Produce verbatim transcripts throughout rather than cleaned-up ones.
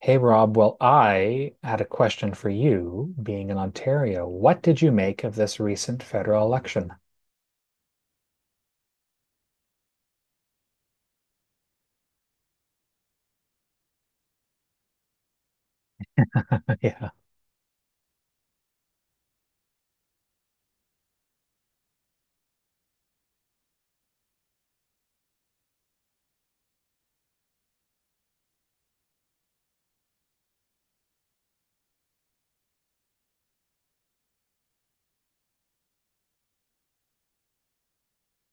Hey Rob, well, I had a question for you, being in Ontario. What did you make of this recent federal election? Yeah.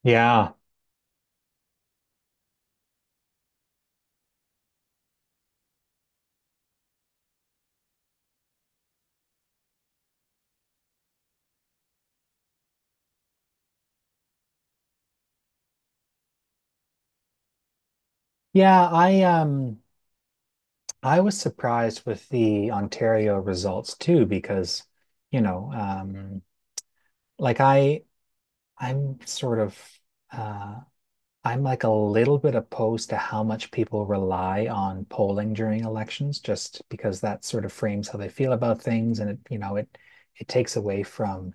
Yeah. Yeah, I um I was surprised with the Ontario results too, because, you know, um like I I'm sort of uh I'm like a little bit opposed to how much people rely on polling during elections, just because that sort of frames how they feel about things, and it, you know, it it takes away from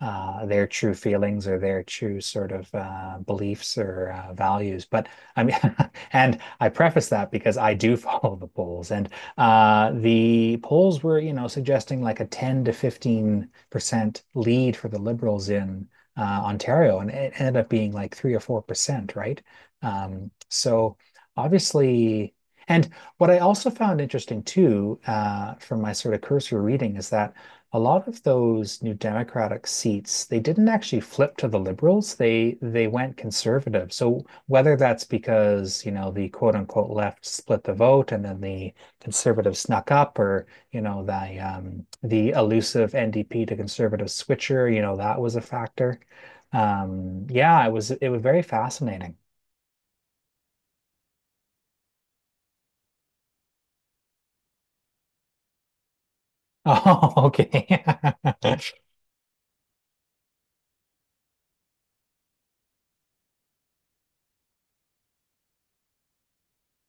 uh, their true feelings or their true sort of uh, beliefs or uh, values. But I mean, and I preface that because I do follow the polls, and uh, the polls were, you know, suggesting like a ten to fifteen percent lead for the Liberals in uh, Ontario, and it ended up being like three or four percent, right? Um, so obviously. And what I also found interesting, too, uh, from my sort of cursory reading, is that a lot of those new Democratic seats, they didn't actually flip to the Liberals. They they went conservative. So whether that's because, you know, the quote unquote left split the vote and then the conservatives snuck up, or, you know, the um, the elusive N D P to conservative switcher, you know, that was a factor. Um, yeah, it was it was very fascinating. Oh, okay.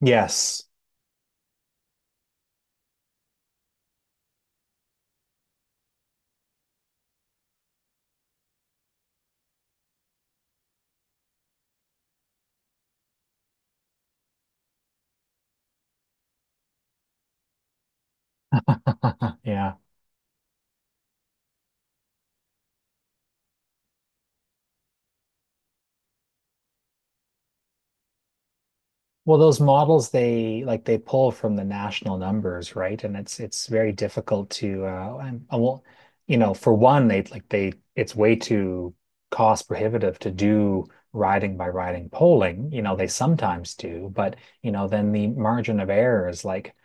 Yes. Yeah. Well, those models, they like they pull from the national numbers, right? And it's it's very difficult to uh and, and well, you know, for one, they like they it's way too cost prohibitive to do riding by riding polling. You know, they sometimes do, but, you know, then the margin of error is like,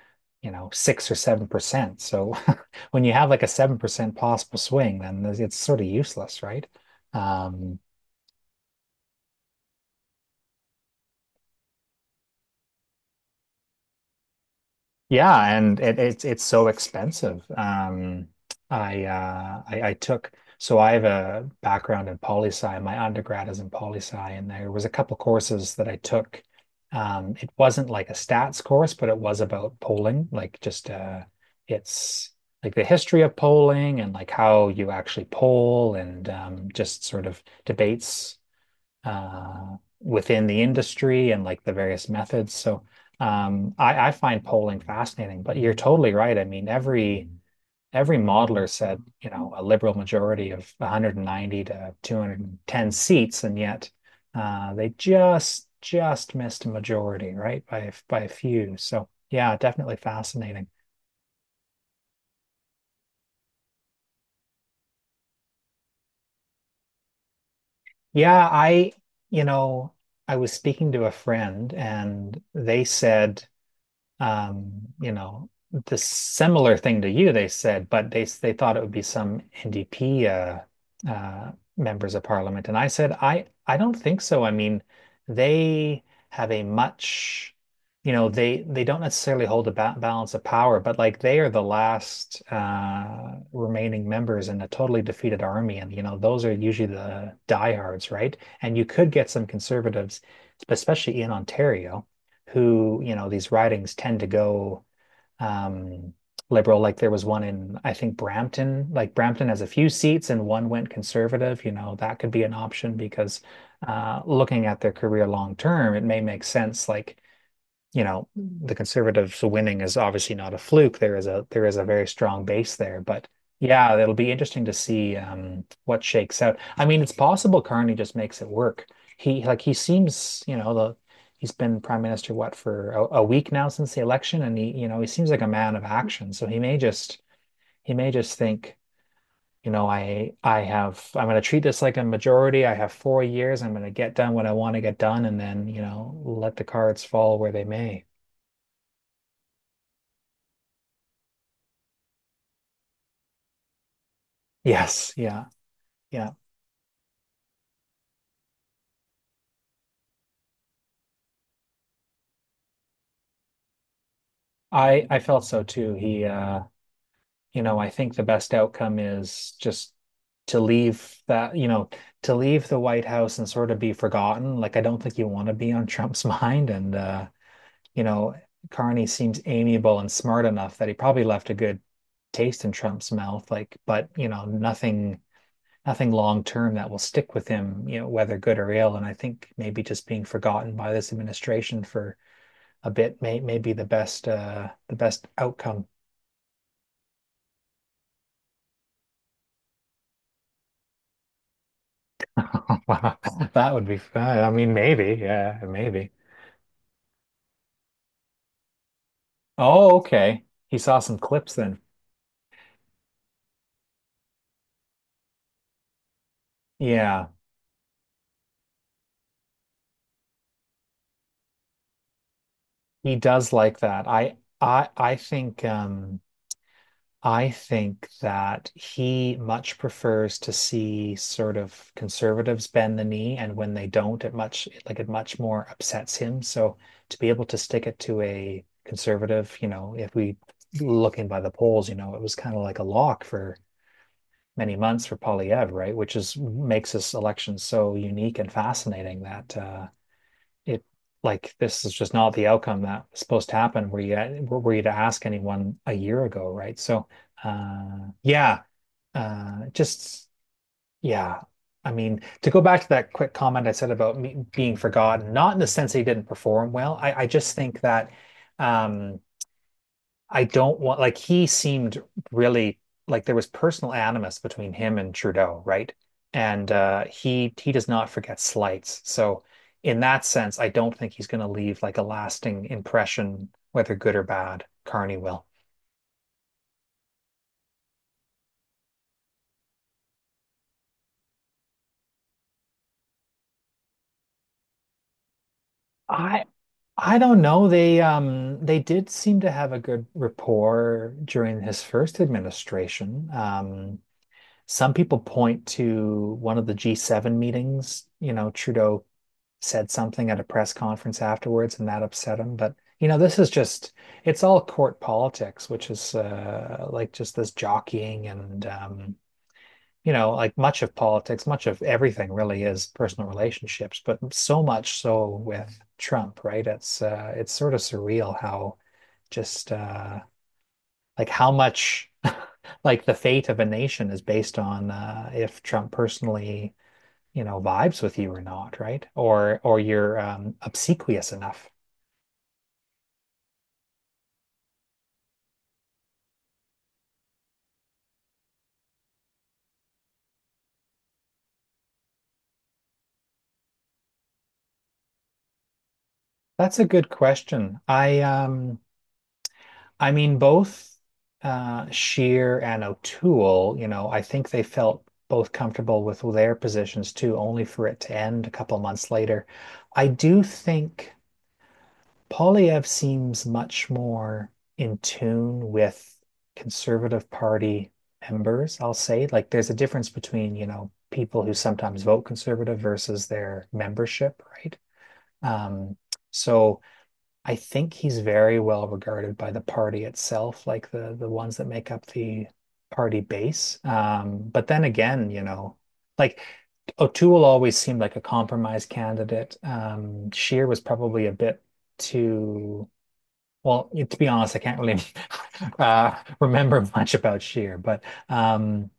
you know, six or seven percent. So when you have like a seven percent possible swing, then it's sort of useless, right? Um, yeah, and it, it's it's so expensive. Um, I, uh, I I took, so I have a background in poli sci. My undergrad is in poli sci, and there was a couple courses that I took. Um, it wasn't like a stats course, but it was about polling, like, just uh, it's like the history of polling and like how you actually poll and um, just sort of debates uh, within the industry and like the various methods. So um, I, I find polling fascinating, but you're totally right. I mean, every every modeler said, you know, a liberal majority of one hundred ninety to two hundred and ten seats, and yet uh, they just just missed a majority, right? By by a few. So yeah, definitely fascinating. Yeah, I, you know, I was speaking to a friend and they said, um, you know, the similar thing to you. They said, but they they thought it would be some N D P, uh, uh, members of parliament, and I said, I I don't think so. I mean, they have a much, you know, they they don't necessarily hold a ba balance of power, but like they are the last uh, remaining members in a totally defeated army, and, you know, those are usually the diehards, right? And you could get some conservatives, especially in Ontario, who, you know, these ridings tend to go, um, liberal. Like, there was one in, I think, Brampton. Like, Brampton has a few seats and one went conservative. You know, that could be an option because, uh, looking at their career long term, it may make sense. Like, you know, the conservatives winning is obviously not a fluke. There is a there is a very strong base there, but yeah, it'll be interesting to see um, what shakes out. I mean, it's possible Carney just makes it work. He like he seems, you know, the he's been prime minister, what, for a, a week now since the election, and he, you know, he seems like a man of action. So he may just he may just think, you know, I I have I'm going to treat this like a majority. I have four years. I'm going to get done what I want to get done, and then, you know, let the cards fall where they may. Yes, yeah, yeah. I I felt so too. He uh, you know, I think the best outcome is just to leave that, you know, to leave the White House and sort of be forgotten. Like, I don't think you want to be on Trump's mind, and uh, you know, Carney seems amiable and smart enough that he probably left a good taste in Trump's mouth, like, but, you know, nothing nothing long term that will stick with him, you know, whether good or ill. And I think maybe just being forgotten by this administration for a bit may may be the best uh the best outcome. Wow. That would be fun. I mean, maybe, yeah, maybe. Oh, okay. He saw some clips then. Yeah, he does like that. I I I think um I think that he much prefers to see sort of conservatives bend the knee, and when they don't, it much like it much more upsets him. So to be able to stick it to a conservative, you know, if we looking by the polls, you know, it was kind of like a lock for many months for Polyev, right? Which is makes this election so unique and fascinating, that uh, it like this is just not the outcome that was supposed to happen. Were you were you to ask anyone a year ago, right? So uh, yeah, uh, just yeah. I mean, to go back to that quick comment I said about me being forgotten, not in the sense that he didn't perform well. I, I just think that, um, I don't want, like, he seemed really, like, there was personal animus between him and Trudeau, right? And uh, he he does not forget slights. So in that sense, I don't think he's going to leave like a lasting impression, whether good or bad. Carney will. I I don't know. They um they did seem to have a good rapport during his first administration. Um, some people point to one of the G seven meetings, you know, Trudeau said something at a press conference afterwards and that upset him. But, you know, this is just, it's all court politics, which is uh, like just this jockeying, and, um, you know, like, much of politics, much of everything really, is personal relationships, but so much so with Trump, right? It's uh, it's sort of surreal how just uh, like how much like the fate of a nation is based on, uh, if Trump personally, you know, vibes with you or not, right? Or or you're, um, obsequious enough. That's a good question. I um I mean, both uh Shear and O'Toole, you know, I think they felt both comfortable with their positions too, only for it to end a couple months later. I do think Polyev seems much more in tune with Conservative Party members, I'll say. Like, there's a difference between, you know, people who sometimes vote Conservative versus their membership, right? Um, so I think he's very well regarded by the party itself, like the the ones that make up the party base. Um, but then again, you know, like, O'Toole always seemed like a compromise candidate. Um, Scheer was probably a bit too, well, to be honest, I can't really, uh, remember much about Sheer, but, um,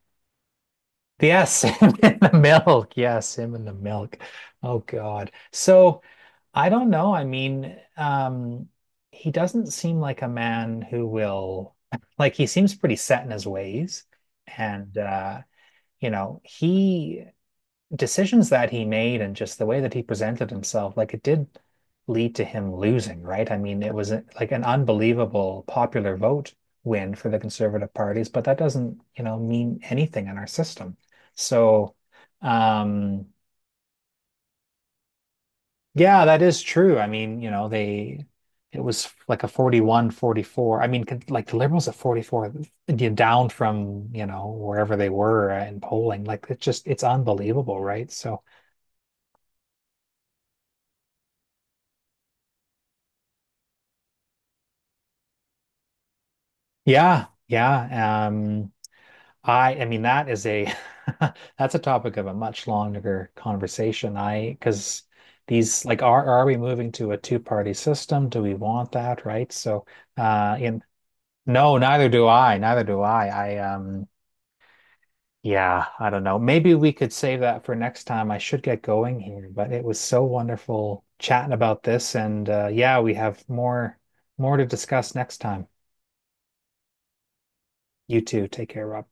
yes, him in the milk. Yes, him in the milk. Oh God. So I don't know. I mean, um, he doesn't seem like a man who will like, he seems pretty set in his ways, and uh, you know, he decisions that he made and just the way that he presented himself, like, it did lead to him losing, right? I mean, it was uh, like an unbelievable popular vote win for the conservative parties, but that doesn't, you know, mean anything in our system. So, um, yeah, that is true. I mean, you know, they it was like a forty-one forty-four. I mean, con- like the Liberals at forty-four, you know, down from, you know, wherever they were in polling. Like, it's just it's unbelievable, right? So, yeah, yeah. Um, I I mean, that is a, that's a topic of a much longer conversation. I Because these, like, are are we moving to a two-party system? Do we want that, right? So uh in no, neither do I, neither do I. I um yeah, I don't know. Maybe we could save that for next time. I should get going here, but it was so wonderful chatting about this, and uh yeah, we have more more to discuss next time. You too. Take care, Rob.